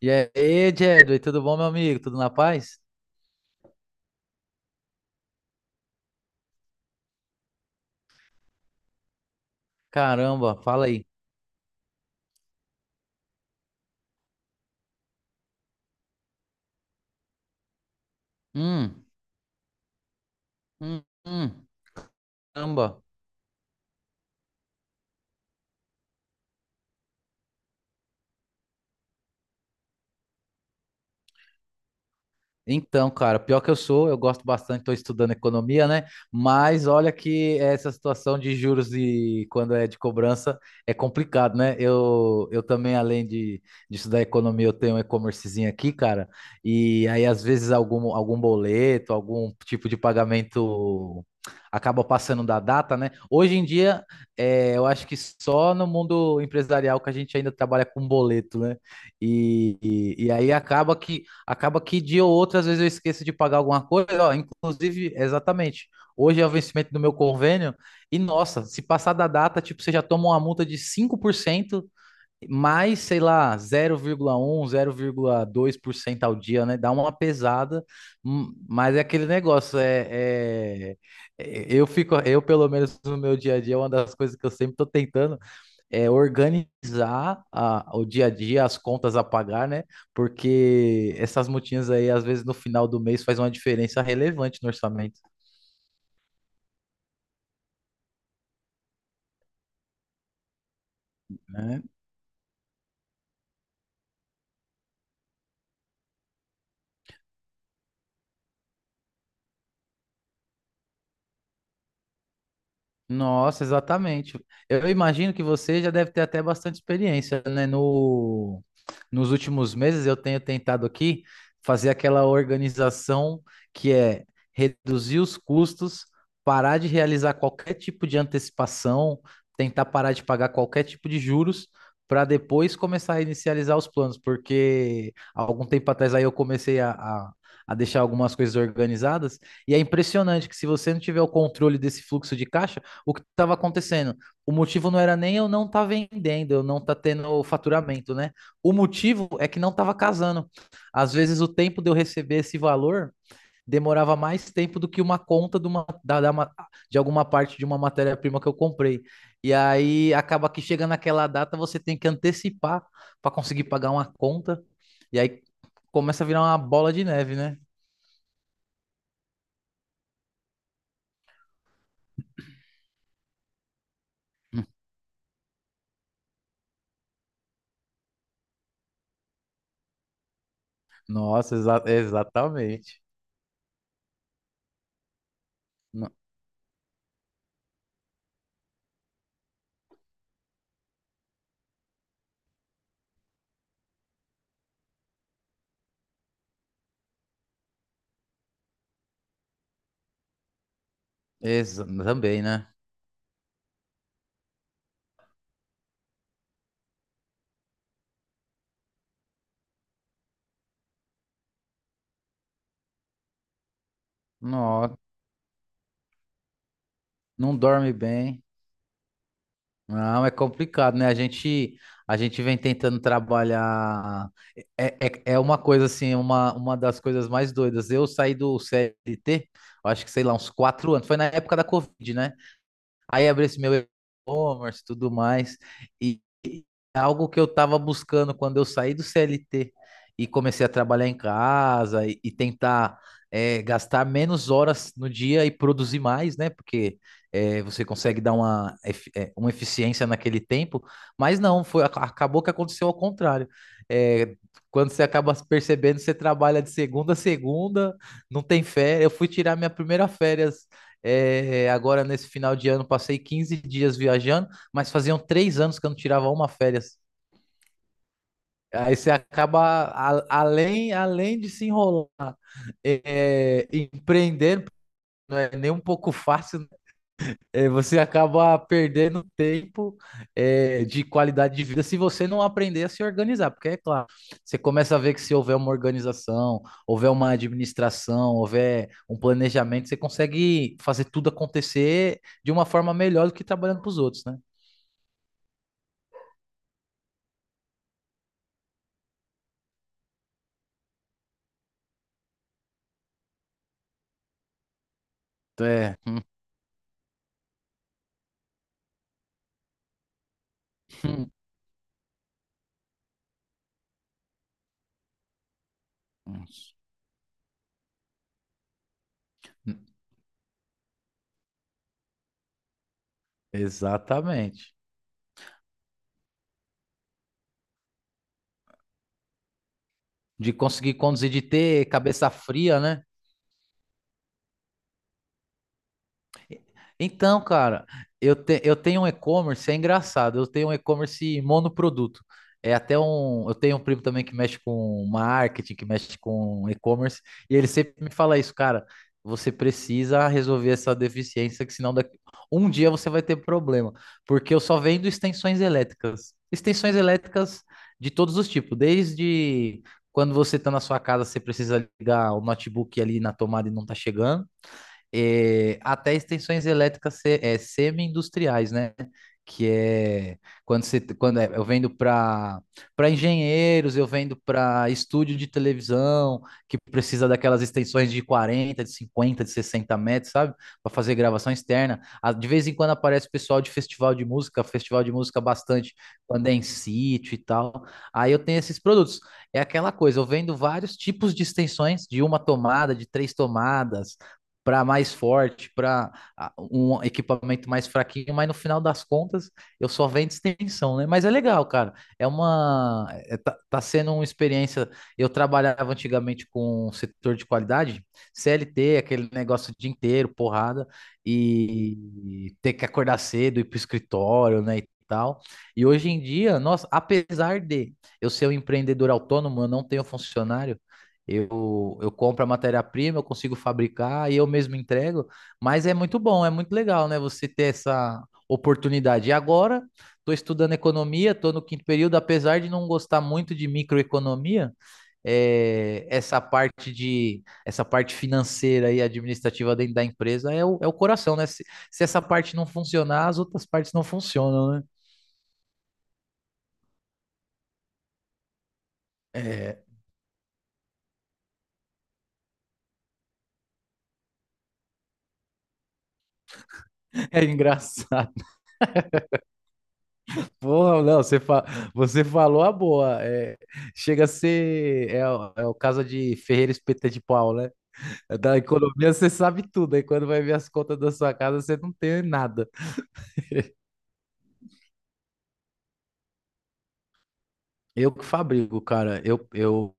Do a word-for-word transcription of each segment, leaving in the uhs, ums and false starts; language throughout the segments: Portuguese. E aí, Jedway, tudo bom, meu amigo? Tudo na paz? Caramba, fala aí. Hum, hum, hum, caramba. Então, cara, pior que eu sou, eu gosto bastante, estou estudando economia, né? Mas olha que essa situação de juros e quando é de cobrança é complicado, né? Eu, eu também, além de, de estudar economia, eu tenho um e-commercezinho aqui, cara, e aí às vezes algum, algum boleto, algum tipo de pagamento acaba passando da data, né? Hoje em dia, é, eu acho que só no mundo empresarial que a gente ainda trabalha com boleto, né? E, e, e aí acaba que Acaba que dia ou outra, às vezes eu esqueço de pagar alguma coisa, ó, inclusive, exatamente. Hoje é o vencimento do meu convênio, e nossa, se passar da data, tipo, você já toma uma multa de cinco por cento mais, sei lá, zero zero vírgula vírgula um zero vírgula dois por cento ao dia, né? Dá uma pesada, hum, mas é aquele negócio, é, é- é- eu fico, eu pelo menos no meu dia a dia, é uma das coisas que eu sempre tô tentando é, organizar a- o dia a dia, as contas a pagar, né? Porque essas multinhas aí, às vezes, no final do mês, faz uma diferença relevante no orçamento. Né? Nossa, exatamente. Eu imagino que você já deve ter até bastante experiência, né? No, nos últimos meses eu tenho tentado aqui fazer aquela organização que é reduzir os custos, parar de realizar qualquer tipo de antecipação, tentar parar de pagar qualquer tipo de juros, para depois começar a inicializar os planos, porque há algum tempo atrás aí eu comecei a, a a deixar algumas coisas organizadas, e é impressionante que se você não tiver o controle desse fluxo de caixa, o que estava acontecendo. O motivo não era nem eu não tá vendendo, eu não tá tendo faturamento, né? O motivo é que não estava casando. Às vezes o tempo de eu receber esse valor demorava mais tempo do que uma conta de, uma, da, da, de alguma parte de uma matéria-prima que eu comprei. E aí acaba que chega naquela data, você tem que antecipar para conseguir pagar uma conta. E aí começa a virar uma bola de neve, né? Nossa, exa exatamente. No- exa- Também, né? Nossa. Não dorme bem. Não, é complicado, né? A gente, a gente vem tentando trabalhar. É, é, é uma coisa assim, uma, uma das coisas mais doidas. Eu saí do C L T, eu acho que sei lá, uns quatro anos. Foi na época da Covid, né? Aí abri esse meu e-commerce e tudo mais. E e é algo que eu estava buscando quando eu saí do C L T e comecei a trabalhar em casa e, e tentar é, gastar menos horas no dia e produzir mais, né? Porque é, você consegue dar uma, efi- é, uma eficiência naquele tempo, mas não, foi, ac- acabou que aconteceu ao contrário. É, quando você acaba percebendo, você trabalha de segunda a segunda, não tem férias. Eu fui tirar minha primeira férias é, agora, nesse final de ano, passei quinze dias viajando, mas faziam três anos que eu não tirava uma férias. Aí você acaba, a- além, além de se enrolar, é, empreender não é nem um pouco fácil. É, você acaba perdendo tempo, é, de qualidade de vida se você não aprender a se organizar, porque é claro, você começa a ver que se houver uma organização, houver uma administração, houver um planejamento, você consegue fazer tudo acontecer de uma forma melhor do que trabalhando para os outros, né? Então, é. Exatamente. De conseguir conduzir, de ter cabeça fria, né? Então, cara, eu, te- eu tenho um e-commerce, é engraçado, eu tenho um e-commerce monoproduto. É até um. Eu tenho um primo também que mexe com marketing, que mexe com e-commerce, e ele sempre me fala isso, cara. Você precisa resolver essa deficiência, que senão daqui, um dia você vai ter problema. Porque eu só vendo extensões elétricas. Extensões elétricas de todos os tipos, desde quando você está na sua casa, você precisa ligar o notebook ali na tomada e não está chegando é, até extensões elétricas se- é, semi-industriais, né? Que é quando você quando é, eu vendo para para engenheiros, eu vendo para estúdio de televisão, que precisa daquelas extensões de quarenta, de cinquenta, de sessenta metros, sabe? Para fazer gravação externa. Ah, de vez em quando aparece pessoal de festival de música, festival de música bastante, quando é em sítio e tal. Aí eu tenho esses produtos. É aquela coisa, eu vendo vários tipos de extensões, de uma tomada, de três tomadas, para mais forte, para um equipamento mais fraquinho, mas no final das contas eu só vendo extensão, né? Mas é legal, cara. É uma é, tá, tá sendo uma experiência. Eu trabalhava antigamente com o setor de qualidade, C L T, aquele negócio o dia inteiro, porrada, e ter que acordar cedo ir pro escritório, né? E tal. E hoje em dia, nossa, apesar de eu ser um empreendedor autônomo, eu não tenho funcionário. Eu, eu compro a matéria-prima, eu consigo fabricar e eu mesmo entrego, mas é muito bom, é muito legal, né? Você ter essa oportunidade. E agora, estou estudando economia, estou no quinto período, apesar de não gostar muito de microeconomia, é, essa parte de essa parte financeira e administrativa dentro da empresa é o, é o coração, né? Se, se essa parte não funcionar, as outras partes não funcionam, né? É, é engraçado. Porra, não, você, fa... você falou a boa. É, chega a ser. É, o é o caso de Ferreira Espeta de Pau, né? Da economia você sabe tudo. Aí quando vai ver as contas da sua casa, você não tem nada. Eu que fabrico, cara. Eu. eu...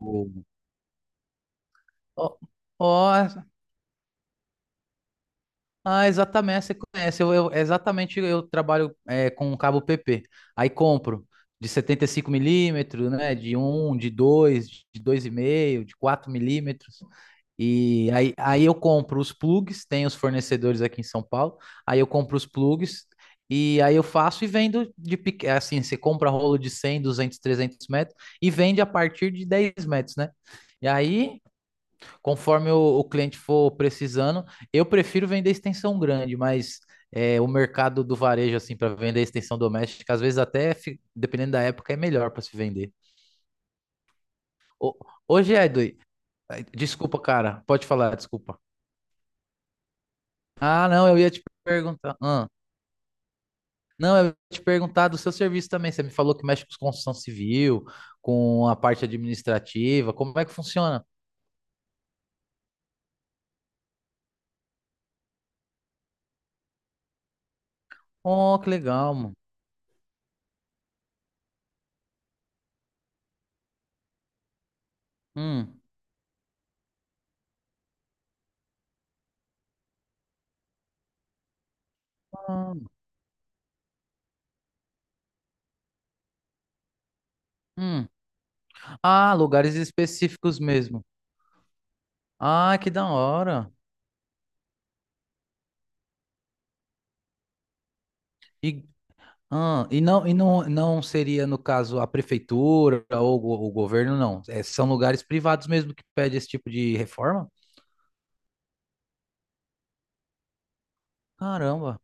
Ó, ó, ah, exatamente, você conhece. Eu, eu- exatamente, eu trabalho é, com um cabo P P. Aí compro de setenta e cinco milímetros, né? De um, de dois, de dois e meio, de quatro milímetros. E aí, aí eu compro os plugs, tem os fornecedores aqui em São Paulo. Aí eu compro os plugs e aí eu faço e vendo de pequ- assim, você compra rolo de cem, duzentos, trezentos metros e vende a partir de dez metros, né? E aí conforme o, o cliente for precisando, eu prefiro vender extensão grande, mas é, o mercado do varejo, assim, para vender extensão doméstica, às vezes até, fi- dependendo da época, é melhor para se vender. Ô, hoje, é, Edu, desculpa, cara, pode falar, desculpa. Ah, não, eu ia te perguntar. Ah, não, eu ia te perguntar do seu serviço também. Você me falou que mexe com construção civil, com a parte administrativa. Como é que funciona? Oh, que legal, mano. Hum, hum. Hum. Ah, lugares específicos mesmo. Ah, que da hora. E, ah, e não, e não, não seria, no caso, a prefeitura ou o go- o governo, não. É, são lugares privados mesmo que pedem esse tipo de reforma? Caramba.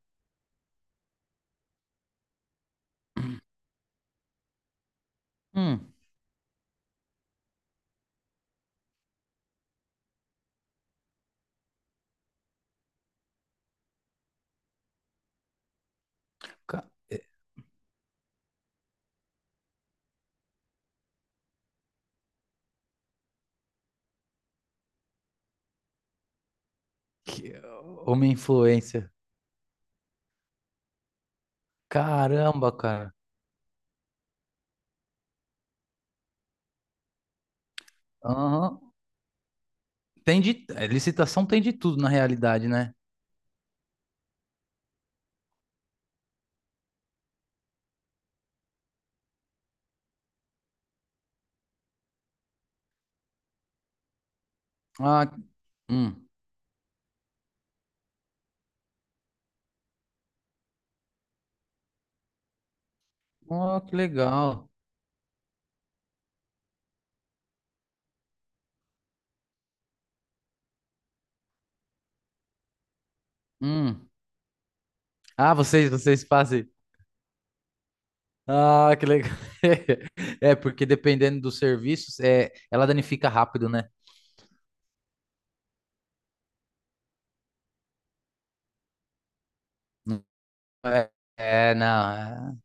Hum, ca- é, que, uma influência. Caramba, cara. Aham. Tem de, é, licitação tem de tudo na realidade, né? Ah, hum. Oh, que legal. Hum. Ah, vocês, vocês fazem. Ah, que legal. É, porque dependendo dos serviços, é, ela danifica rápido, né? Não. É, é, não. é-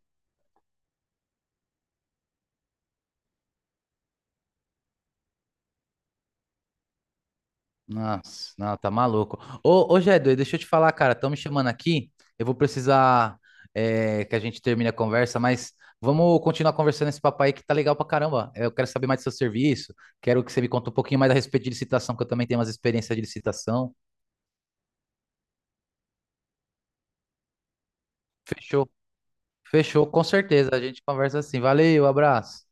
Nossa, não, tá maluco. Ô, ô, Jadu, deixa eu te falar, cara. Estão me chamando aqui. Eu vou precisar, é, que a gente termine a conversa, mas vamos continuar conversando esse papo aí que tá legal pra caramba. Eu quero saber mais do seu serviço. Quero que você me conte um pouquinho mais a respeito de licitação, que eu também tenho umas experiências de licitação. Fechou, fechou, com certeza. A gente conversa assim. Valeu, abraço.